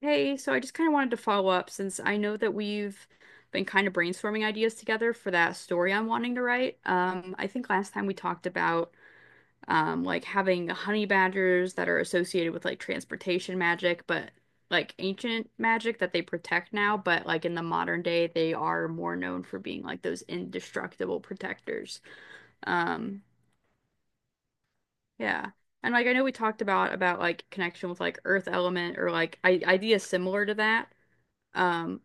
Hey, so I just kind of wanted to follow up since I know that we've been kind of brainstorming ideas together for that story I'm wanting to write. I think last time we talked about like having honey badgers that are associated with like transportation magic, but like ancient magic that they protect now, but like in the modern day, they are more known for being like those indestructible protectors. Um, yeah. And like I know we talked about like connection with like earth element or like I ideas similar to that. Um,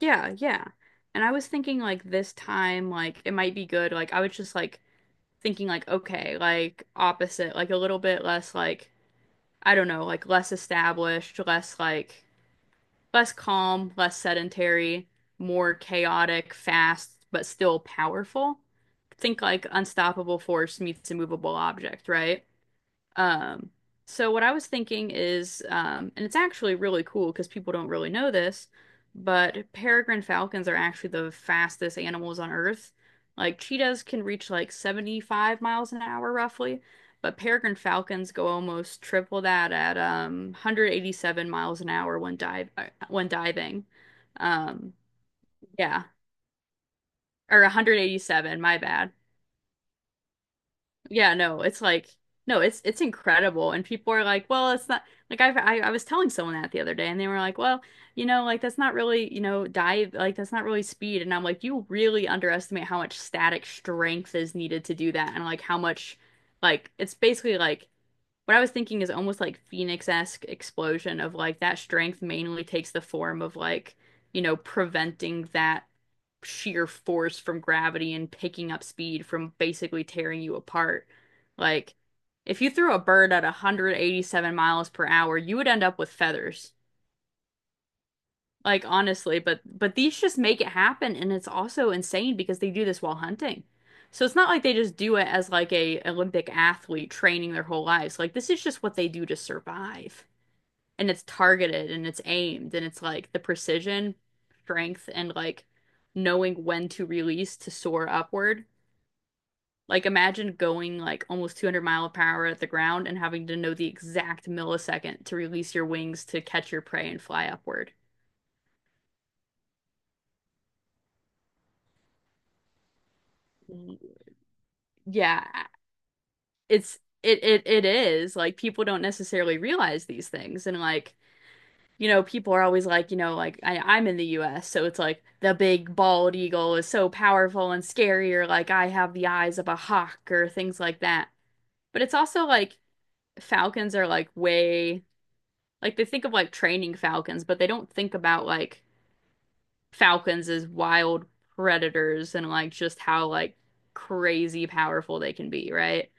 Yeah, yeah. And I was thinking like this time, like it might be good. Like I was just like thinking like, okay, like opposite, like a little bit less like I don't know, like less established, less like less calm, less sedentary, more chaotic, fast, but still powerful. Think like unstoppable force meets immovable object, right? Um, so what I was thinking is, and it's actually really cool because people don't really know this, but peregrine falcons are actually the fastest animals on Earth. Like cheetahs can reach like 75 miles an hour roughly, but peregrine falcons go almost triple that at 187 miles an hour when dive when diving. Um, yeah, or 187, my bad. Yeah, no, it's like no, it's incredible. And people are like, well, it's not like I was telling someone that the other day, and they were like, well, you know, like that's not really you know dive like that's not really speed. And I'm like, you really underestimate how much static strength is needed to do that, and like how much like it's basically like what I was thinking is almost like Phoenix-esque explosion of like that strength mainly takes the form of like you know preventing that sheer force from gravity and picking up speed from basically tearing you apart. Like, if you threw a bird at 187 miles per hour, you would end up with feathers. Like, honestly, but these just make it happen, and it's also insane because they do this while hunting. So it's not like they just do it as like a Olympic athlete training their whole lives. Like, this is just what they do to survive and it's targeted and it's aimed and it's like the precision, strength, and like knowing when to release to soar upward. Like imagine going like almost 200 mile per hour at the ground and having to know the exact millisecond to release your wings to catch your prey and fly upward. Yeah, it's it is like people don't necessarily realize these things and like you know, people are always like, you know, like I'm in the US, so it's like the big bald eagle is so powerful and scary, or like I have the eyes of a hawk, or things like that. But it's also like falcons are like way, like they think of like training falcons, but they don't think about like falcons as wild predators and like just how like crazy powerful they can be, right?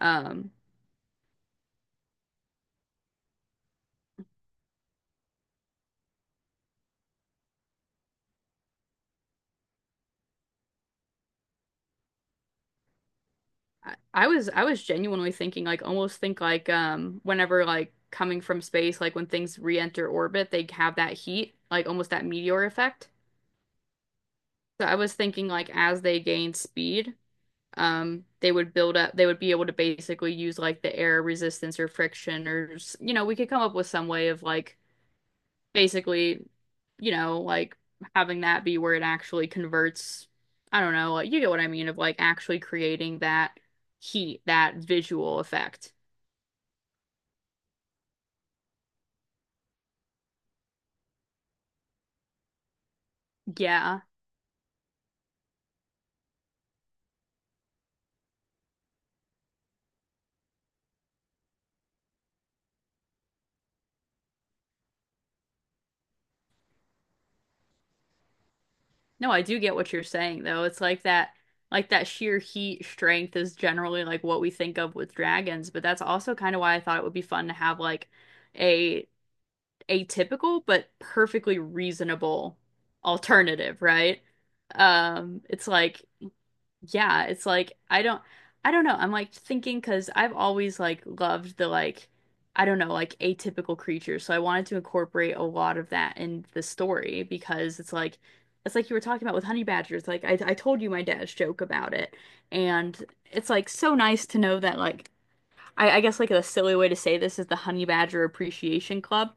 Um, I was I was genuinely thinking like almost think like whenever like coming from space like when things re-enter orbit they have that heat like almost that meteor effect. So I was thinking like as they gain speed they would build up they would be able to basically use like the air resistance or friction or you know we could come up with some way of like basically you know like having that be where it actually converts I don't know like, you get what I mean of like actually creating that heat that visual effect. Yeah. No, I do get what you're saying though. It's like that sheer heat strength is generally like what we think of with dragons, but that's also kind of why I thought it would be fun to have like a atypical but perfectly reasonable alternative, right? It's like yeah, it's like I don't know. I'm like thinking because 'cause I've always like loved the like I don't know, like atypical creatures. So I wanted to incorporate a lot of that in the story because it's like you were talking about with honey badgers. Like I told you my dad's joke about it. And it's like so nice to know that like I guess like a silly way to say this is the Honey Badger Appreciation Club.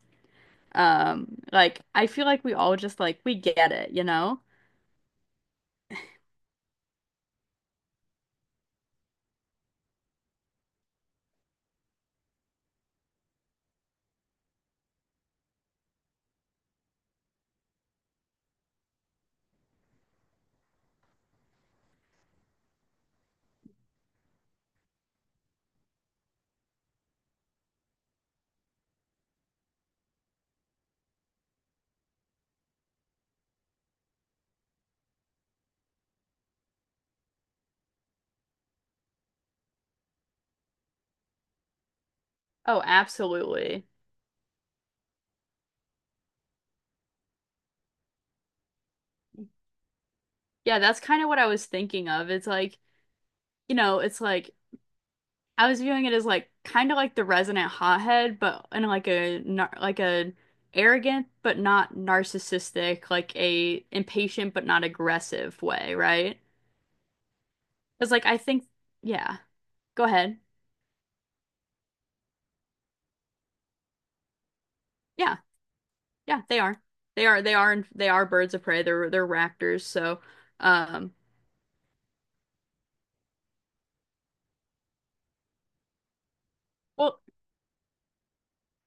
Like I feel like we all just like we get it, you know? Oh, absolutely. Yeah, that's kind of what I was thinking of. It's like, you know, it's like I was viewing it as like kind of like the resonant hothead, but in like a nar like a arrogant but not narcissistic, like a impatient but not aggressive way, right? Because like I think, yeah, go ahead. Yeah, yeah, they are, they are, they are, they are birds of prey. They're raptors. So, um, well,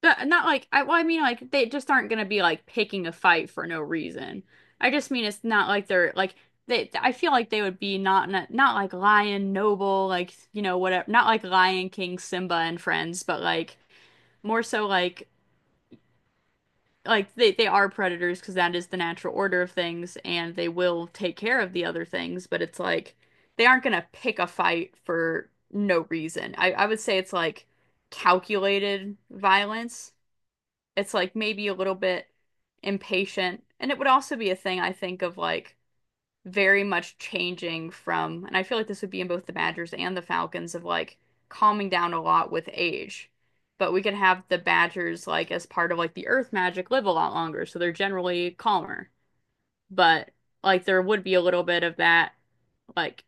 But not like well, I mean like they just aren't gonna be like picking a fight for no reason. I just mean it's not like they're like they. I feel like they would be not like Lion Noble like you know whatever. Not like Lion King Simba and friends, but like more so like they are predators because that is the natural order of things, and they will take care of the other things. But it's like they aren't gonna pick a fight for no reason. I would say it's like calculated violence. It's like maybe a little bit impatient. And it would also be a thing I think of like very much changing from, and I feel like this would be in both the Badgers and the Falcons of like calming down a lot with age. But we could have the Badgers like as part of like the Earth magic live a lot longer, so they're generally calmer. But like there would be a little bit of that like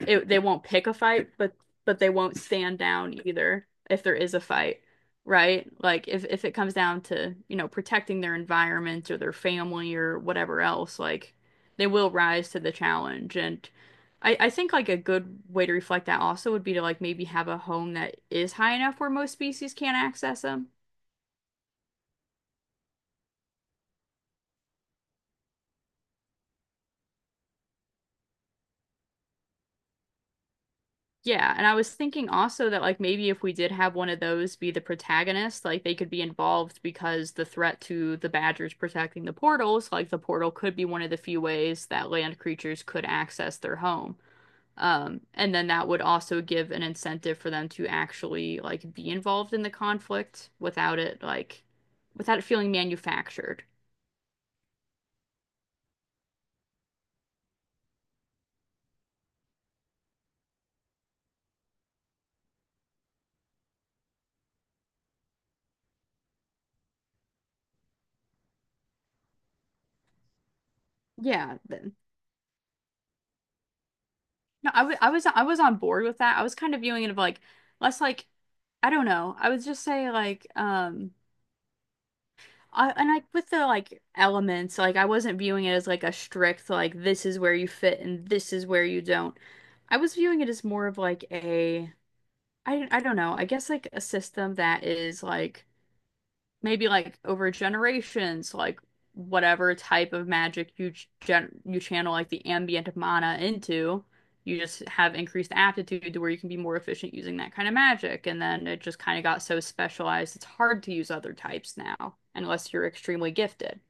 it, they won't pick a fight, but they won't stand down either if there is a fight, right? Like if it comes down to, you know, protecting their environment or their family or whatever else, like they will rise to the challenge. And I think like a good way to reflect that also would be to like maybe have a home that is high enough where most species can't access them. Yeah, and I was thinking also that like maybe if we did have one of those be the protagonist, like they could be involved because the threat to the badgers protecting the portals, like the portal could be one of the few ways that land creatures could access their home. And then that would also give an incentive for them to actually like be involved in the conflict without it like without it feeling manufactured. Yeah, th- No, I was on board with that. I was kind of viewing it of like less like I don't know. I would just say like I and like with the like elements, like I wasn't viewing it as like a strict like this is where you fit and this is where you don't. I was viewing it as more of like a I don't know. I guess like a system that is like maybe like over generations, like whatever type of magic you gen you channel like the ambient mana into, you just have increased aptitude to where you can be more efficient using that kind of magic. And then it just kind of got so specialized, it's hard to use other types now, unless you're extremely gifted.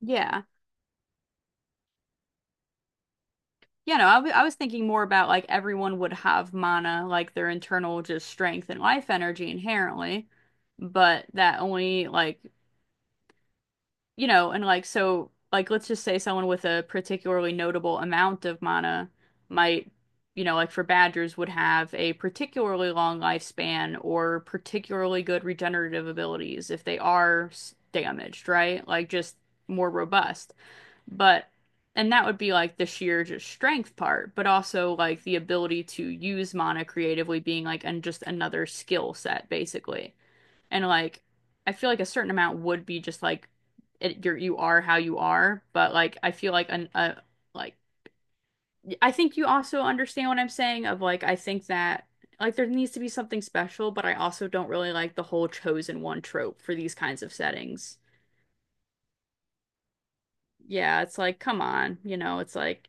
Yeah. Yeah, no, I was thinking more about like everyone would have mana, like their internal just strength and life energy inherently, but that only like you know, and like so like let's just say someone with a particularly notable amount of mana might, you know, like for badgers would have a particularly long lifespan or particularly good regenerative abilities if they are damaged, right? Like just more robust. But and that would be like the sheer just strength part, but also like the ability to use mana creatively being like and just another skill set basically and like I feel like a certain amount would be just like it, you're you are how you are, but like I feel like an a like I think you also understand what I'm saying of like I think that like there needs to be something special, but I also don't really like the whole chosen one trope for these kinds of settings. Yeah, it's like come on, you know, it's like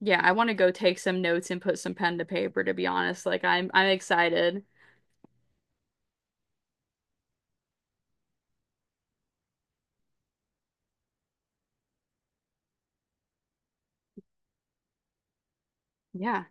yeah, I want to go take some notes and put some pen to paper to be honest. Like I'm excited. Yeah.